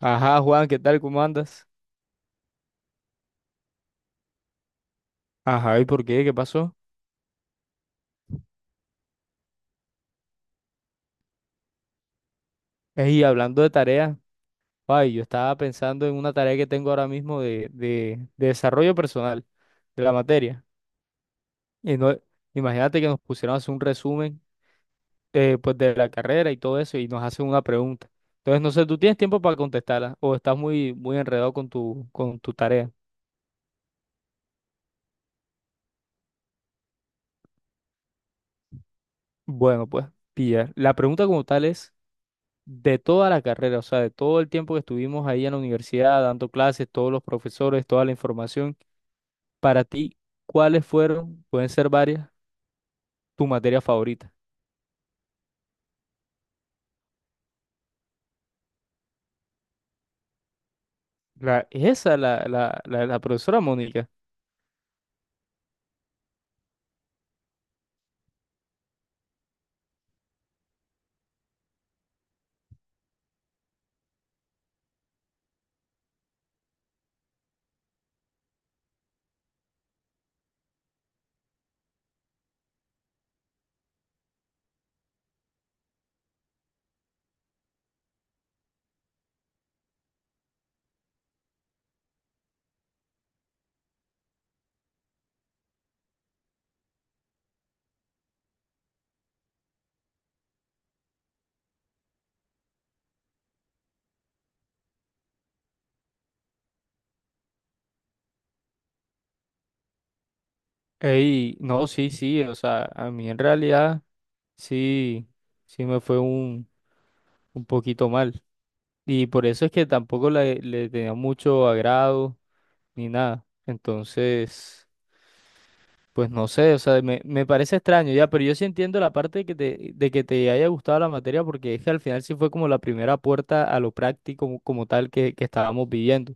Ajá, Juan, ¿qué tal? ¿Cómo andas? Ajá, ¿y por qué? ¿Qué pasó? Y hablando de tareas, ay, yo estaba pensando en una tarea que tengo ahora mismo de desarrollo personal de la materia. Y no, imagínate que nos pusieron a hacer un resumen pues de la carrera y todo eso y nos hacen una pregunta. Entonces, no sé, ¿tú tienes tiempo para contestarla o estás muy enredado con con tu tarea? Bueno, pues, pilla. La pregunta como tal es de toda la carrera, o sea, de todo el tiempo que estuvimos ahí en la universidad dando clases, todos los profesores, toda la información, para ti, ¿cuáles fueron, pueden ser varias, tu materia favorita? La, esa, la profesora Mónica. Ey, no, sí, sí, o sea, a mí en realidad sí, sí me fue un, un poquito mal. Y por eso es que tampoco le tenía mucho agrado ni nada. Entonces, pues no sé, o sea, me parece extraño ya, pero yo sí entiendo la parte de que te haya gustado la materia porque es que al final sí fue como la primera puerta a lo práctico como tal que estábamos viviendo.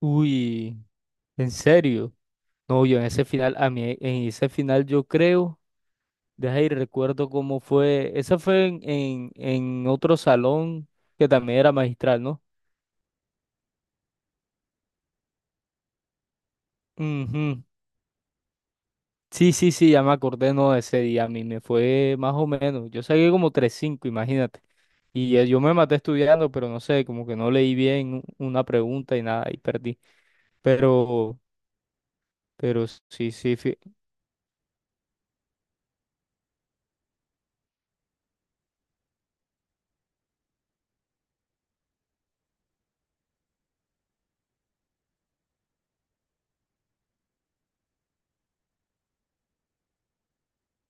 Uy, en serio. No, yo en ese final, a mí en ese final yo creo, deja ahí recuerdo cómo fue, esa fue en otro salón que también era magistral, ¿no? Ujú. Sí, sí, sí, ya me acordé, no, de ese día a mí me fue más o menos. Yo saqué como tres cinco, imagínate. Y yo me maté estudiando, pero no sé, como que no leí bien una pregunta y nada, y perdí. Pero, pero sí, sí.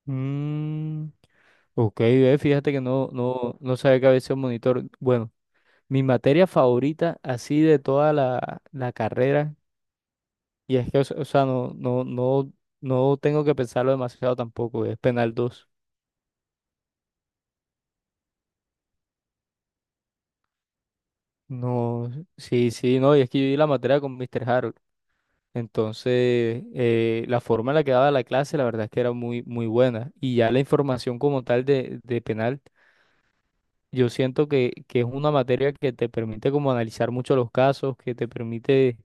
Mm, ok, ve, fíjate que no, no sabía que había sido monitor. Bueno, mi materia favorita así de toda la carrera, y es que, o sea, no, no, no tengo que pensarlo demasiado tampoco, es penal 2. No, sí, sí, no, y es que yo di la materia con Mr. Harold. Entonces, la forma en la que daba la clase, la verdad es que era muy buena. Y ya la información como tal de penal, yo siento que es una materia que te permite como analizar mucho los casos, que te permite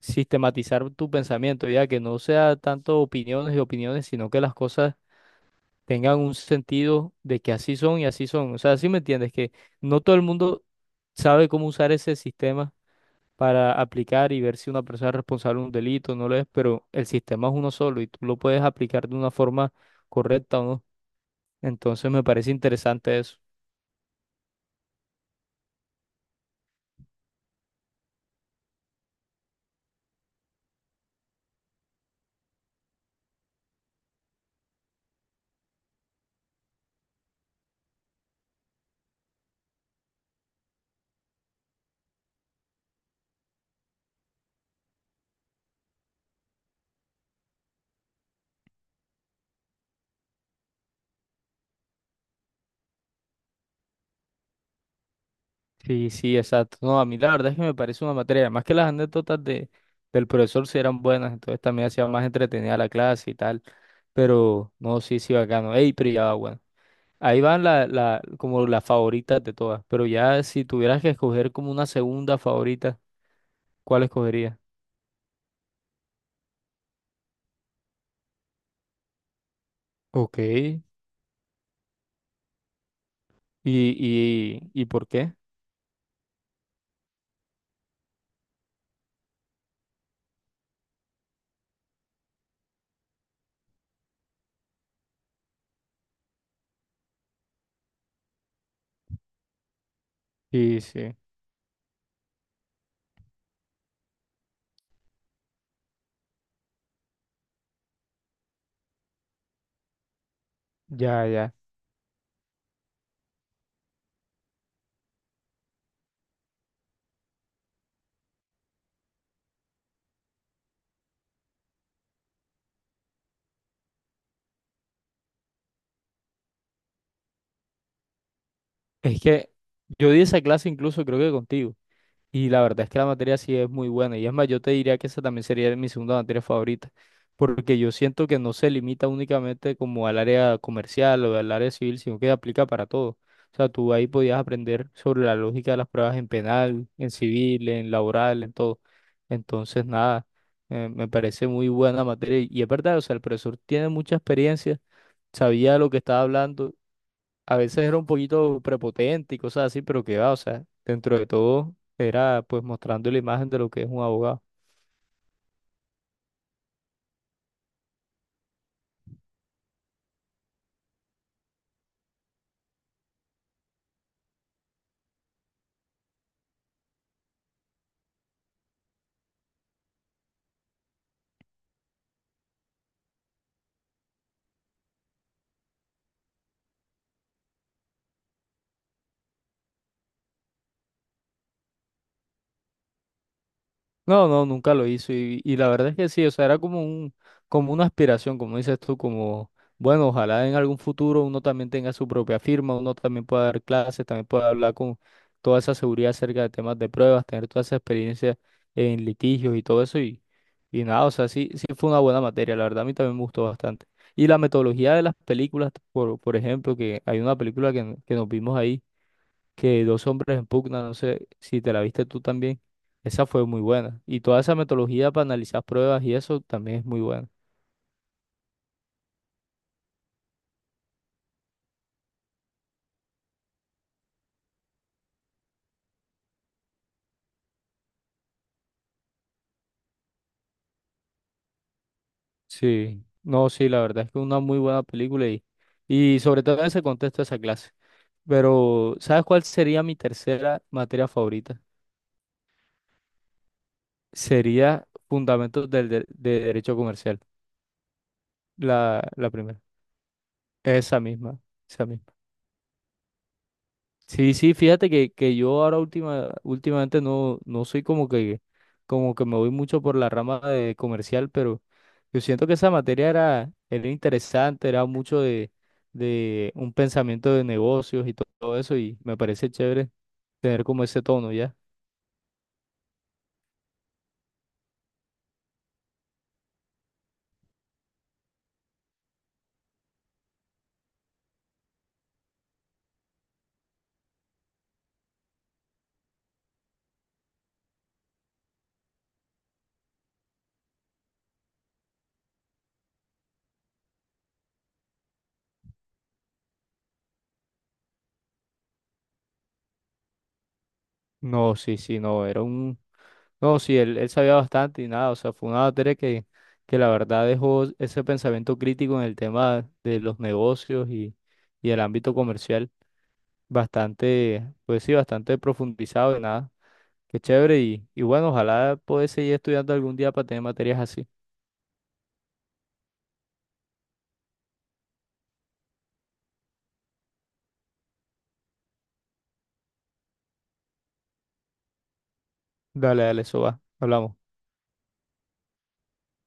sistematizar tu pensamiento, ya que no sea tanto opiniones y opiniones, sino que las cosas tengan un sentido de que así son y así son. O sea, sí me entiendes, que no todo el mundo sabe cómo usar ese sistema para aplicar y ver si una persona es responsable de un delito o no lo es, pero el sistema es uno solo y tú lo puedes aplicar de una forma correcta o no. Entonces me parece interesante eso. Sí, sí, exacto. No, a mí la verdad es que me parece una materia, más que las anécdotas del profesor sí eran buenas, entonces también hacía más entretenida la clase y tal, pero no, sí, sí, bacano. Ey, pero ya va, bueno. Ahí van la, como las favoritas de todas, pero ya si tuvieras que escoger como una segunda favorita, ¿cuál escogerías? Ok. Y por qué? Sí, sí, ya, ya. Es que yo di esa clase incluso creo que contigo. Y la verdad es que la materia sí es muy buena. Y es más, yo te diría que esa también sería mi segunda materia favorita. Porque yo siento que no se limita únicamente como al área comercial o al área civil, sino que aplica para todo. O sea, tú ahí podías aprender sobre la lógica de las pruebas en penal, en civil, en laboral, en todo. Entonces, nada, me parece muy buena materia. Y es verdad, o sea, el profesor tiene mucha experiencia, sabía lo que estaba hablando. A veces era un poquito prepotente y cosas así, pero que va, o sea, dentro de todo era pues mostrando la imagen de lo que es un abogado. No, no, nunca lo hizo y la verdad es que sí, o sea, era como un, como una aspiración, como dices tú, como, bueno, ojalá en algún futuro uno también tenga su propia firma, uno también pueda dar clases, también pueda hablar con toda esa seguridad acerca de temas de pruebas, tener toda esa experiencia en litigios y todo eso y nada, o sea, sí, sí fue una buena materia, la verdad a mí también me gustó bastante. Y la metodología de las películas, por ejemplo, que hay una película que nos vimos ahí que dos hombres en pugna, no sé si te la viste tú también, esa fue muy buena. Y toda esa metodología para analizar pruebas y eso también es muy buena. Sí, no, sí, la verdad es que es una muy buena película y sobre todo en ese contexto de esa clase. Pero, ¿sabes cuál sería mi tercera materia favorita? Sería Fundamentos de Derecho Comercial, la primera, esa misma, esa misma. Sí, sí, fíjate que yo ahora últimamente no, no soy como que me voy mucho por la rama de comercial, pero yo siento que esa materia era, era interesante, era mucho de un pensamiento de negocios y todo eso, y me parece chévere tener como ese tono, ¿ya? No, sí, sí, no, era un. No, sí, él sabía bastante y nada, o sea, fue una materia que la verdad dejó ese pensamiento crítico en el tema de los negocios y el ámbito comercial. Bastante, pues sí, bastante profundizado y nada. Qué chévere y bueno, ojalá pueda seguir estudiando algún día para tener materias así. Dale, dale, eso va. Hablamos.